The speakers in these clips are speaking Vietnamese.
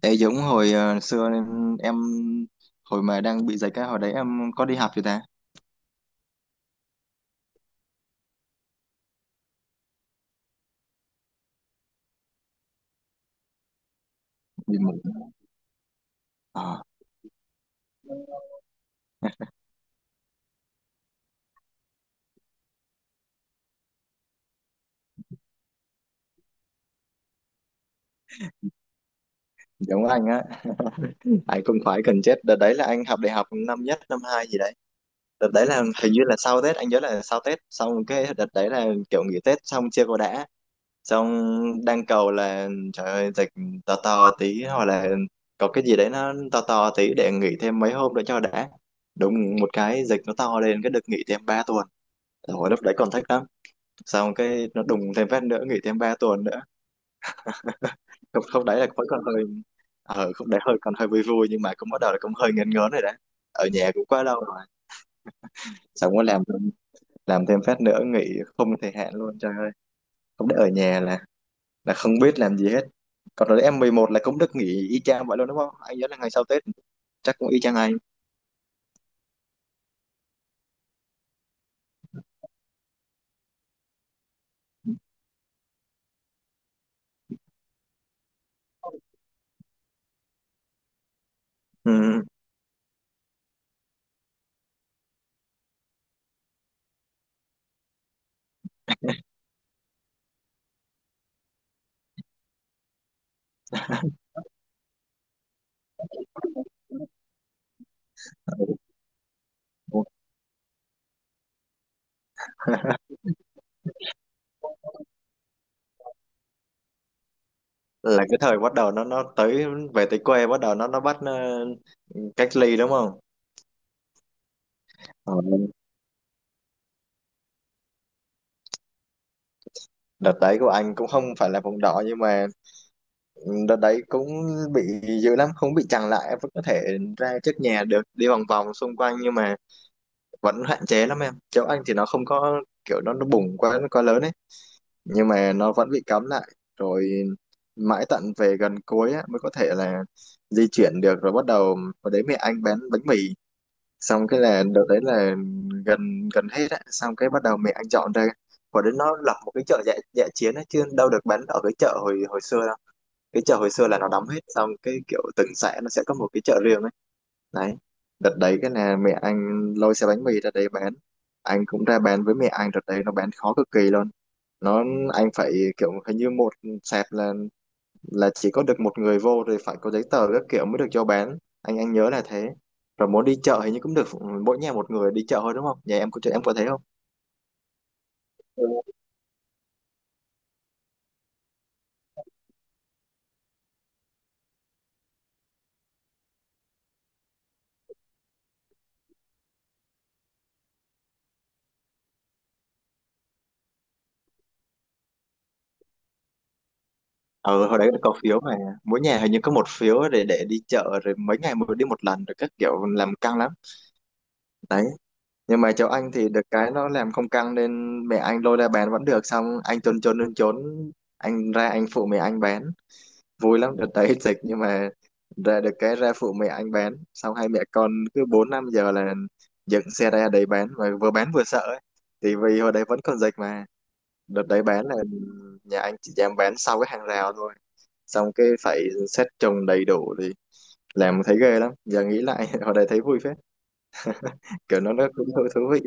Ê giống hồi xưa em hồi mà đang bị dịch á, hồi đấy em có đi học chưa ta? Đi ngủ. Ờ, giống anh á, anh cũng khoái cần chết. Đợt đấy là anh học đại học năm nhất, năm hai gì đấy. Đợt đấy là hình như là sau Tết, anh nhớ là sau Tết. Xong cái đợt đấy là kiểu nghỉ Tết xong chưa có đã. Xong đang cầu là trời ơi dịch to to tí hoặc là có cái gì đấy nó to to tí để nghỉ thêm mấy hôm nữa cho đã. Đúng một cái dịch nó to lên cái được nghỉ thêm 3 tuần. Hồi lúc đấy còn thích lắm. Xong cái nó đùng thêm phát nữa, nghỉ thêm 3 tuần nữa. Không không, đấy là vẫn còn hơi, không đấy hơi còn hơi vui vui nhưng mà cũng bắt đầu là cũng hơi ngấn ngớn rồi đấy. Ở nhà cũng quá lâu rồi. Xong có làm thêm phát nữa nghỉ không thời hạn luôn, trời ơi. Không, để ở nhà là không biết làm gì hết. Còn rồi em 11 là cũng được nghỉ y chang vậy luôn đúng không, anh nhớ là ngày sau Tết. Chắc cũng y chang anh. Ừ. Là cái thời bắt đầu nó tới, về tới quê bắt đầu nó bắt cách ly đúng không? Ờ, đợt đấy của anh cũng không phải là vùng đỏ nhưng mà đợt đấy cũng bị dữ lắm. Không bị chằng lại em vẫn có thể ra trước nhà được, đi vòng vòng xung quanh nhưng mà vẫn hạn chế lắm. Em châu Anh thì nó không có, kiểu nó bùng quá, nó quá lớn ấy, nhưng mà nó vẫn bị cấm lại. Rồi mãi tận về gần cuối á, mới có thể là di chuyển được. Rồi bắt đầu vào đấy mẹ anh bán bánh mì. Xong cái là đợt đấy là gần gần hết á, xong cái bắt đầu mẹ anh dọn ra. Và đấy, nó lập một cái chợ dã dã chiến á chứ đâu được bán ở cái chợ hồi hồi xưa. Cái chợ hồi xưa là nó đóng hết, xong cái kiểu từng xã nó sẽ có một cái chợ riêng ấy. Đấy, đợt đấy cái nè mẹ anh lôi xe bánh mì ra đây bán, anh cũng ra bán với mẹ anh. Đợt đấy nó bán khó cực kỳ luôn. nó anh phải, kiểu hình như một sạp là chỉ có được một người vô, rồi phải có giấy tờ các kiểu mới được cho bán, anh nhớ là thế. Rồi muốn đi chợ hình như cũng được mỗi nhà một người đi chợ thôi đúng không, nhà em có thế không? Ừ. ờ Hồi đấy có phiếu mà, mỗi nhà hình như có một phiếu để đi chợ, rồi mấy ngày mới đi một lần, rồi các kiểu làm căng lắm. Đấy, nhưng mà cháu anh thì được cái nó làm không căng nên mẹ anh lôi ra bán vẫn được. Xong anh trốn trốn trốn trốn, anh ra anh phụ mẹ anh bán, vui lắm. Đợt đấy dịch nhưng mà ra được, cái ra phụ mẹ anh bán, xong hai mẹ con cứ 4-5 giờ là dựng xe ra đấy bán mà vừa bán vừa sợ ấy. Thì vì hồi đấy vẫn còn dịch mà. Đợt đấy bán là nhà anh chỉ dám bán sau cái hàng rào thôi, xong cái phải xét trồng đầy đủ thì làm, thấy ghê lắm. Giờ nghĩ lại hồi đấy thấy vui phết, kiểu nó cũng thú thú vị.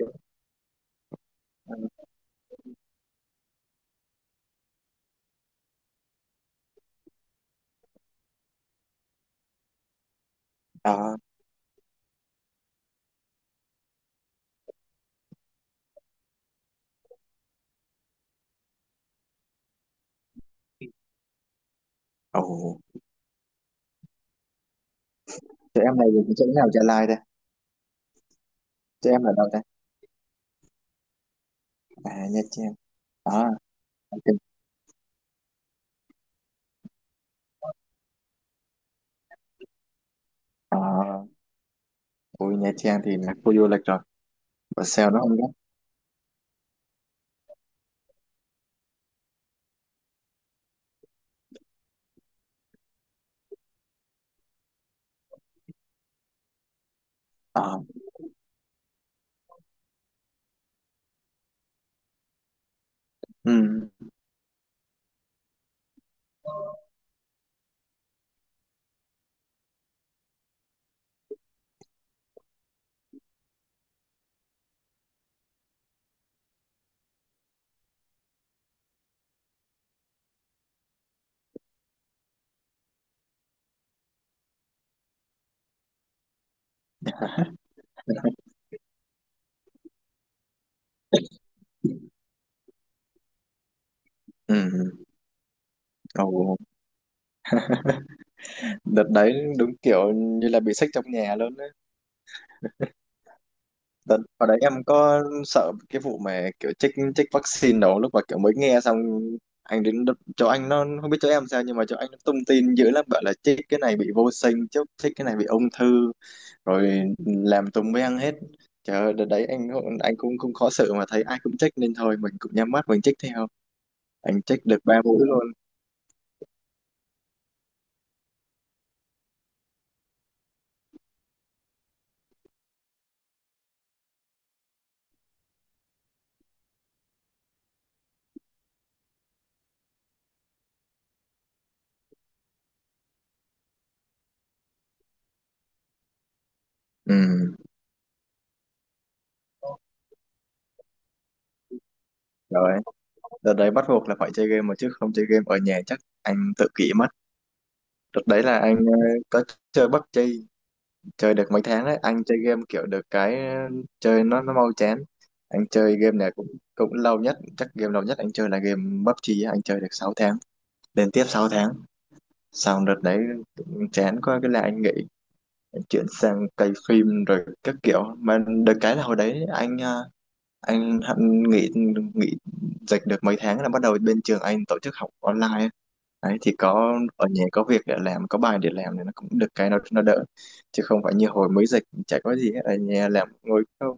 À, ồ, tụi em này thì chỗ nào, Gia Lai đây? Tụi em ở đâu đây? À, Nha Trang. Đó, ok. À, ui Nha Trang thì là khu du lịch rồi, và sao nó không đó? À, ừ, ừ, ừ. Ồ, đợt đấy đúng kiểu như là bị xách trong nhà luôn đấy. Đợt ở đấy em có sợ cái vụ mà kiểu chích chích vaccine đâu, lúc mà kiểu mới nghe xong anh đến chỗ anh, nó không biết chỗ em sao nhưng mà chỗ anh nó tung tin dữ lắm, bảo là chích cái này bị vô sinh chứ chích cái này bị ung thư, rồi làm tùm mới ăn hết. Trời ơi, đợt đấy anh cũng cũng khó xử, mà thấy ai cũng check nên thôi mình cũng nhắm mắt mình check theo. Anh check được 3 mũi luôn. Ừ, rồi đợt đấy bắt buộc là phải chơi game mà, chứ không chơi game ở nhà chắc anh tự kỷ mất. Đợt đấy là anh có chơi PUBG. Chơi được mấy tháng đấy, anh chơi game kiểu được cái chơi nó mau chán. Anh chơi game này cũng cũng lâu nhất, chắc game lâu nhất anh chơi là game PUBG á, anh chơi được 6 tháng, liên tiếp 6 tháng. Xong đợt đấy chán quá cái là anh nghỉ, chuyển sang cày phim rồi các kiểu. Mà được cái là hồi đấy anh anh hận nghỉ nghỉ dịch được mấy tháng là bắt đầu bên trường anh tổ chức học online. Đấy thì có ở nhà có việc để làm, có bài để làm thì nó cũng được cái nó đỡ, chứ không phải như hồi mới dịch chả có gì hết, ở nhà làm ngồi không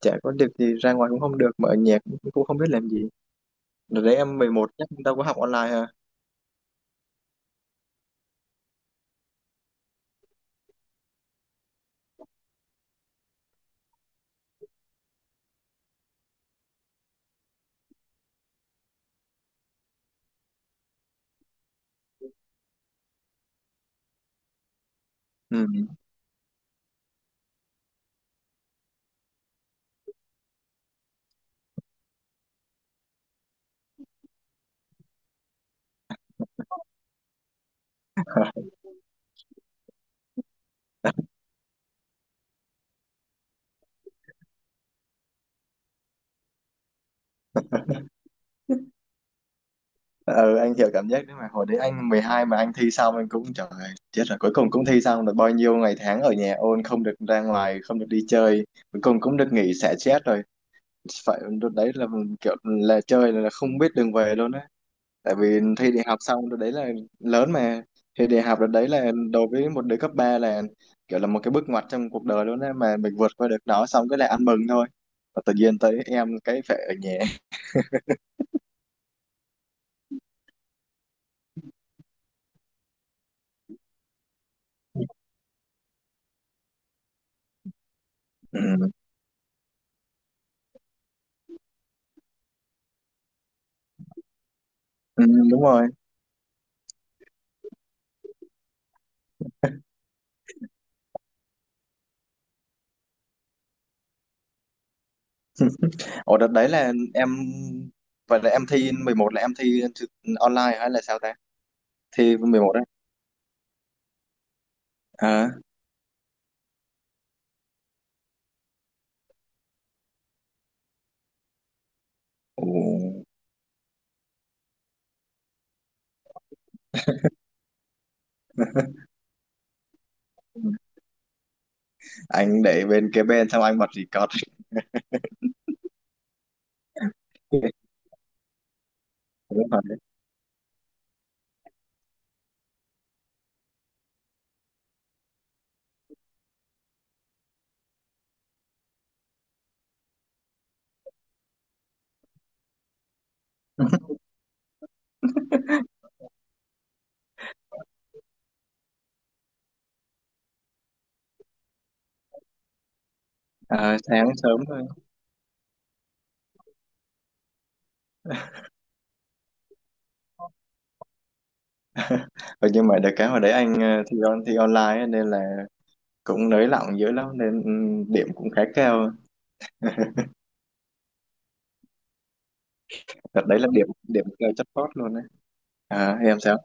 chả có được gì, ra ngoài cũng không được mà ở nhà cũng không biết làm gì. Rồi đấy em 11 chắc đâu có học online ha. Ừ, ừ, anh hiểu cảm giác đấy mà hồi đấy anh 12 mà anh thi xong anh cũng trời ơi, chết rồi, cuối cùng cũng thi xong được, bao nhiêu ngày tháng ở nhà ôn không được ra ngoài, không được đi chơi, cuối cùng cũng được nghỉ xả stress rồi. Phải, đợt đấy là kiểu là chơi là không biết đường về luôn á, tại vì thi đại học xong đợt đấy là lớn mà. Thi đại học đợt đấy là đối với một đứa cấp 3 là kiểu là một cái bước ngoặt trong cuộc đời luôn á, mà mình vượt qua được nó xong cái là ăn mừng thôi. Và tự nhiên tới em cái phải ở nhà. Ừ. Ừ, đúng rồi. Ủa đợt đấy là em, vậy là em thi 11 là em thi online hay là sao ta? Thi 11 đấy. À, ồ, anh để bên kế bên xong anh bật record. Đúng rồi. À, sáng sớm thôi. Ừ, nhưng mà được cái hồi đấy anh thi online ấy, nên là cũng nới lỏng dữ lắm nên điểm cũng khá cao. Đợt đấy là điểm điểm cao chót vót luôn đấy. À, em sao?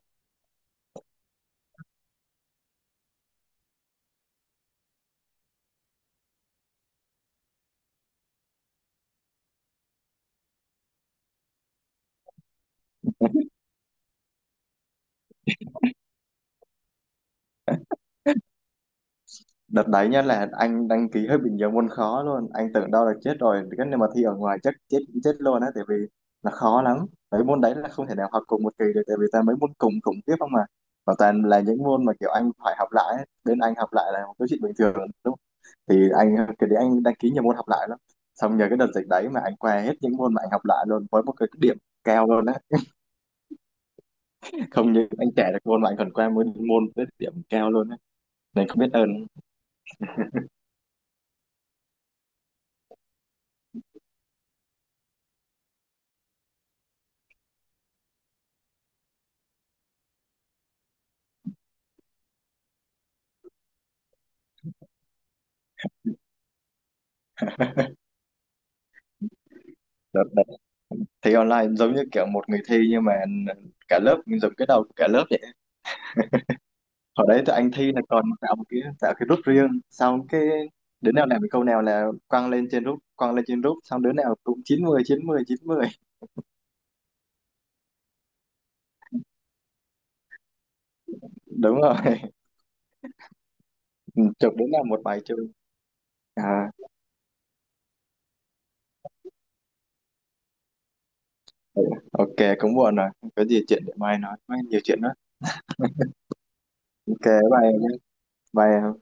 Đợt đấy nhá là anh đăng ký hơi bị nhiều môn khó luôn, anh tưởng đâu là chết rồi, cái nếu mà thi ở ngoài chắc chết cũng chết luôn á tại vì là khó lắm. Mấy môn đấy là không thể nào học cùng một kỳ được tại vì toàn mấy môn cùng cùng tiếp không mà, và toàn là những môn mà kiểu anh phải học lại ấy. Bên anh học lại là một cái chuyện bình thường đúng không? Thì anh cái đấy anh đăng ký nhiều môn học lại lắm, xong nhờ cái đợt dịch đấy mà anh qua hết những môn mà anh học lại luôn với một cái điểm cao luôn á. Không như anh trẻ được môn mà anh còn qua môn môn với điểm cao luôn á, nên không biết ơn đợt. Thi online giống như kiểu một người thi nhưng mà cả lớp mình dùng cái đầu của cả lớp vậy. Hồi đấy tụi anh thi là còn tạo một cái tạo cái group riêng, xong cái đứa nào làm cái câu nào là quăng lên trên group, xong đứa nào cũng chín 90 90 90. Đúng rồi. Chụp đứa nào một bài chung. À ừ, ok cũng buồn rồi. Không có gì chuyện để mai nói, mai nhiều chuyện đó. Ok, bye em nhé. Bye em.